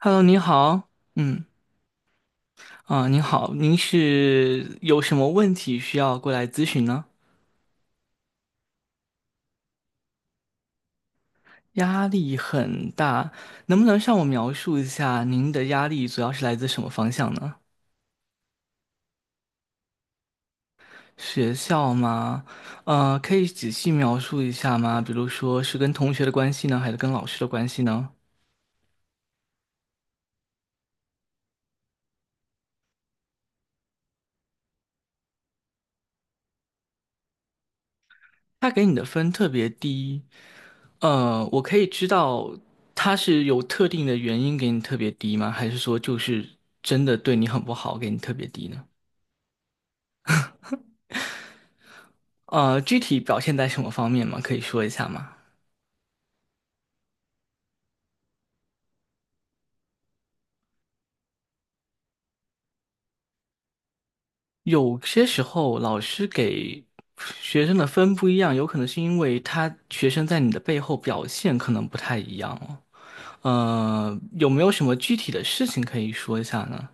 Hello，您好，嗯，您好，您是有什么问题需要过来咨询呢？压力很大，能不能向我描述一下您的压力主要是来自什么方向呢？学校吗？可以仔细描述一下吗？比如说是跟同学的关系呢，还是跟老师的关系呢？他给你的分特别低，我可以知道他是有特定的原因给你特别低吗？还是说就是真的对你很不好，给你特别低呢？具体表现在什么方面吗？可以说一下吗？有些时候老师给学生的分不一样，有可能是因为他学生在你的背后表现可能不太一样哦。有没有什么具体的事情可以说一下呢？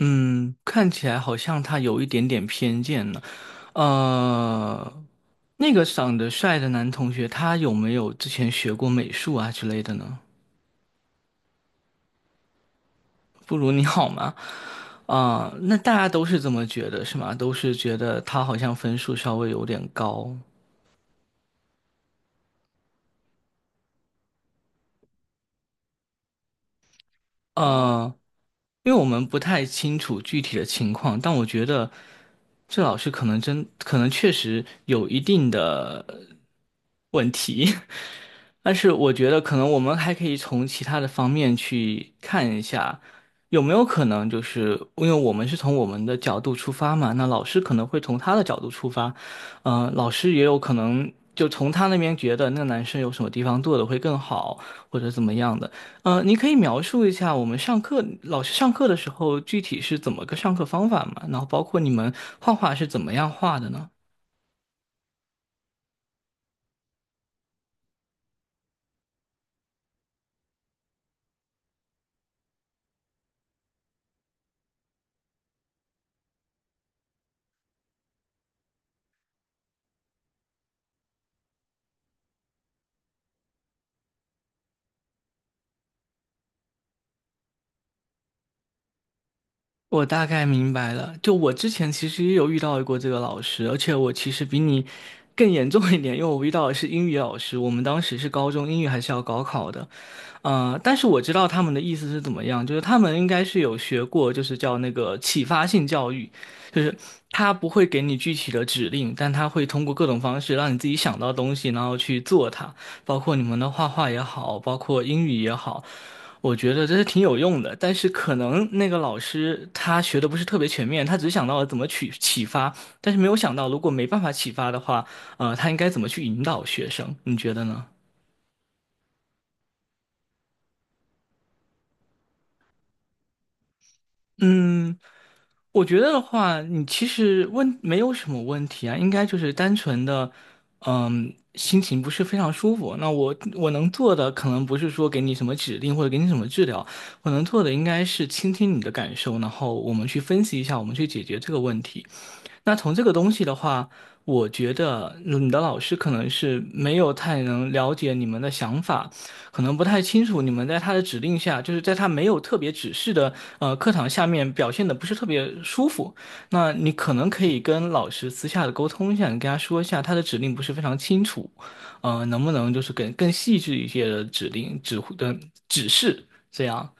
嗯，看起来好像他有一点点偏见呢。呃，那个长得帅的男同学，他有没有之前学过美术啊之类的呢？不如你好吗？啊、那大家都是这么觉得，是吗？都是觉得他好像分数稍微有点高。呃，因为我们不太清楚具体的情况，但我觉得这老师可能确实有一定的问题。但是我觉得可能我们还可以从其他的方面去看一下，有没有可能就是因为我们是从我们的角度出发嘛，那老师可能会从他的角度出发，嗯、老师也有可能就从他那边觉得那个男生有什么地方做的会更好，或者怎么样的。你可以描述一下我们上课，老师上课的时候具体是怎么个上课方法嘛，然后包括你们画画是怎么样画的呢？我大概明白了，就我之前其实也有遇到过这个老师，而且我其实比你更严重一点，因为我遇到的是英语老师，我们当时是高中英语还是要高考的，但是我知道他们的意思是怎么样，就是他们应该是有学过，就是叫那个启发性教育，就是他不会给你具体的指令，但他会通过各种方式让你自己想到东西，然后去做它，包括你们的画画也好，包括英语也好。我觉得这是挺有用的，但是可能那个老师他学的不是特别全面，他只想到了怎么去启发，但是没有想到如果没办法启发的话，他应该怎么去引导学生？你觉得呢？嗯，我觉得的话，你其实问没有什么问题啊，应该就是单纯的，嗯，心情不是非常舒服。那我能做的可能不是说给你什么指令或者给你什么治疗，我能做的应该是倾听你的感受，然后我们去分析一下，我们去解决这个问题。那从这个东西的话，我觉得嗯你的老师可能是没有太能了解你们的想法，可能不太清楚你们在他的指令下，就是在他没有特别指示的课堂下面表现的不是特别舒服。那你可能可以跟老师私下的沟通一下，你跟他说一下他的指令不是非常清楚，能不能就是更细致一些的指令指挥的指示这样。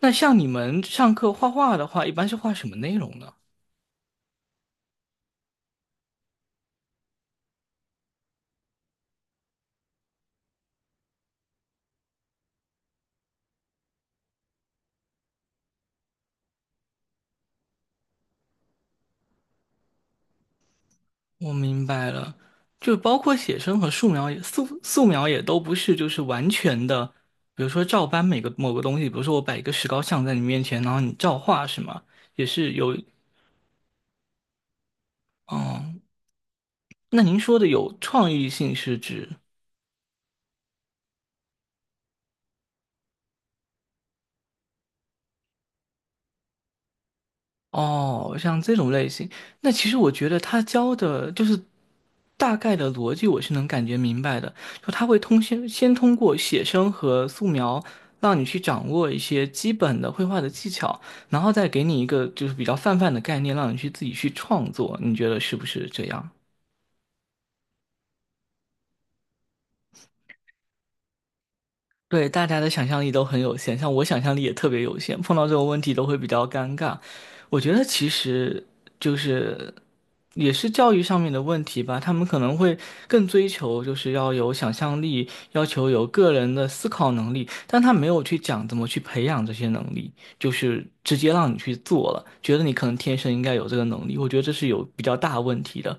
那像你们上课画画的话，一般是画什么内容呢？我明白了，就包括写生和素描素描也都不是就是完全的，比如说照搬某个东西，比如说我摆一个石膏像在你面前，然后你照画是吗？也是有，嗯，那您说的有创意性是指？哦，像这种类型，那其实我觉得他教的就是大概的逻辑，我是能感觉明白的。就他会先通过写生和素描，让你去掌握一些基本的绘画的技巧，然后再给你一个就是比较泛泛的概念，让你去自己去创作。你觉得是不是这样？对，大家的想象力都很有限，像我想象力也特别有限，碰到这种问题都会比较尴尬。我觉得其实就是也是教育上面的问题吧，他们可能会更追求就是要有想象力，要求有个人的思考能力，但他没有去讲怎么去培养这些能力，就是直接让你去做了，觉得你可能天生应该有这个能力，我觉得这是有比较大问题的。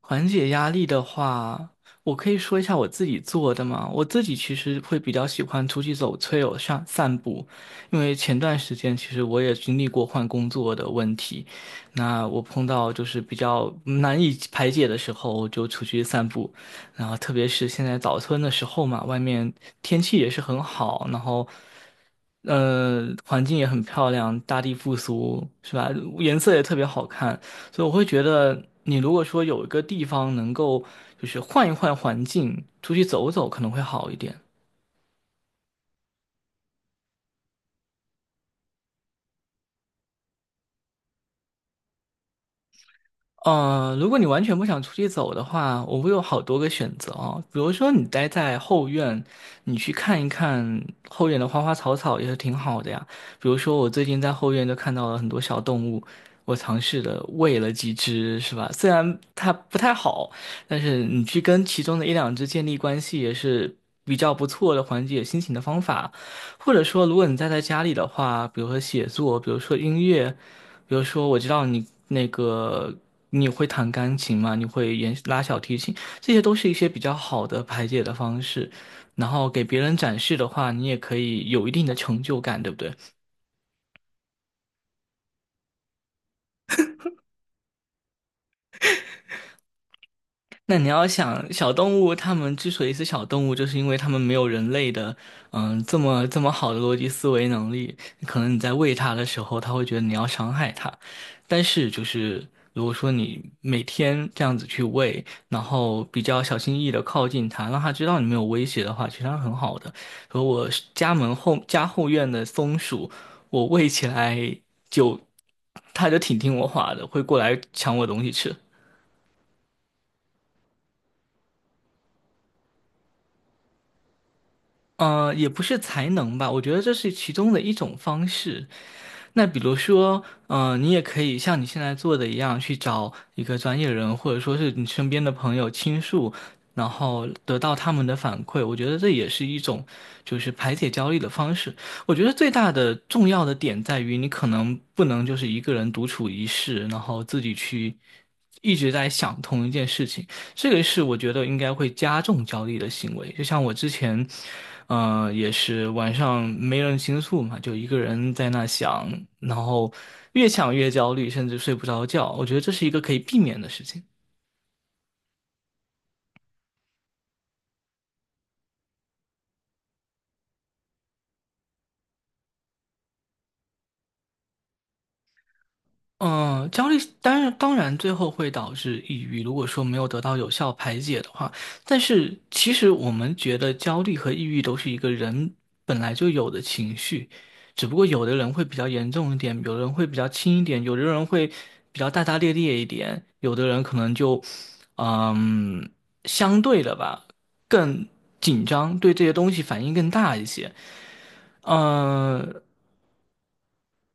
缓解压力的话，我可以说一下我自己做的嘛。我自己其实会比较喜欢出去走翠哦，上散步，因为前段时间其实我也经历过换工作的问题，那我碰到就是比较难以排解的时候，我就出去散步。然后特别是现在早春的时候嘛，外面天气也是很好，然后。环境也很漂亮，大地复苏，是吧？颜色也特别好看，所以我会觉得，你如果说有一个地方能够就是换一换环境，出去走走，可能会好一点。如果你完全不想出去走的话，我会有好多个选择哦。比如说，你待在后院，你去看一看后院的花花草草也是挺好的呀。比如说，我最近在后院就看到了很多小动物，我尝试的喂了几只，是吧？虽然它不太好，但是你去跟其中的一两只建立关系也是比较不错的缓解心情的方法。或者说，如果你待在家里的话，比如说写作，比如说音乐。比如说，我知道你那个你会弹钢琴嘛，你会拉小提琴，这些都是一些比较好的排解的方式。然后给别人展示的话，你也可以有一定的成就感，对不对？那你要想，小动物它们之所以是小动物，就是因为它们没有人类的，嗯，这么好的逻辑思维能力。可能你在喂它的时候，它会觉得你要伤害它，但是就是如果说你每天这样子去喂，然后比较小心翼翼的靠近它，让它知道你没有威胁的话，其实它很好的。和我家后院的松鼠，我喂起来就，它就挺听我话的，会过来抢我东西吃。也不是才能吧，我觉得这是其中的一种方式。那比如说，你也可以像你现在做的一样，去找一个专业人，或者说是你身边的朋友倾诉，然后得到他们的反馈。我觉得这也是一种就是排解焦虑的方式。我觉得最大的重要的点在于，你可能不能就是一个人独处一室，然后自己去一直在想同一件事情。这个是我觉得应该会加重焦虑的行为。就像我之前，也是晚上没人倾诉嘛，就一个人在那想，然后越想越焦虑，甚至睡不着觉。我觉得这是一个可以避免的事情。嗯，焦虑当然最后会导致抑郁，如果说没有得到有效排解的话，但是其实我们觉得焦虑和抑郁都是一个人本来就有的情绪，只不过有的人会比较严重一点，有的人会比较轻一点，有的人会比较大大咧咧一点，有的人可能就嗯相对的吧更紧张，对这些东西反应更大一些。嗯。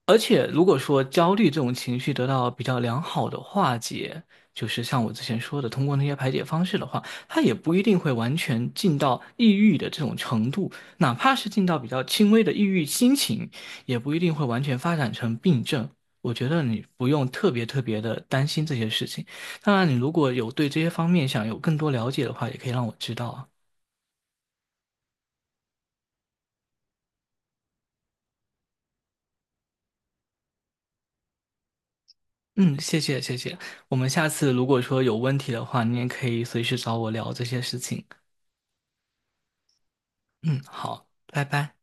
而且，如果说焦虑这种情绪得到比较良好的化解，就是像我之前说的，通过那些排解方式的话，它也不一定会完全进到抑郁的这种程度，哪怕是进到比较轻微的抑郁心情，也不一定会完全发展成病症。我觉得你不用特别的担心这些事情。当然，你如果有对这些方面想有更多了解的话，也可以让我知道啊。嗯，谢谢。我们下次如果说有问题的话，你也可以随时找我聊这些事情。嗯，好，拜拜。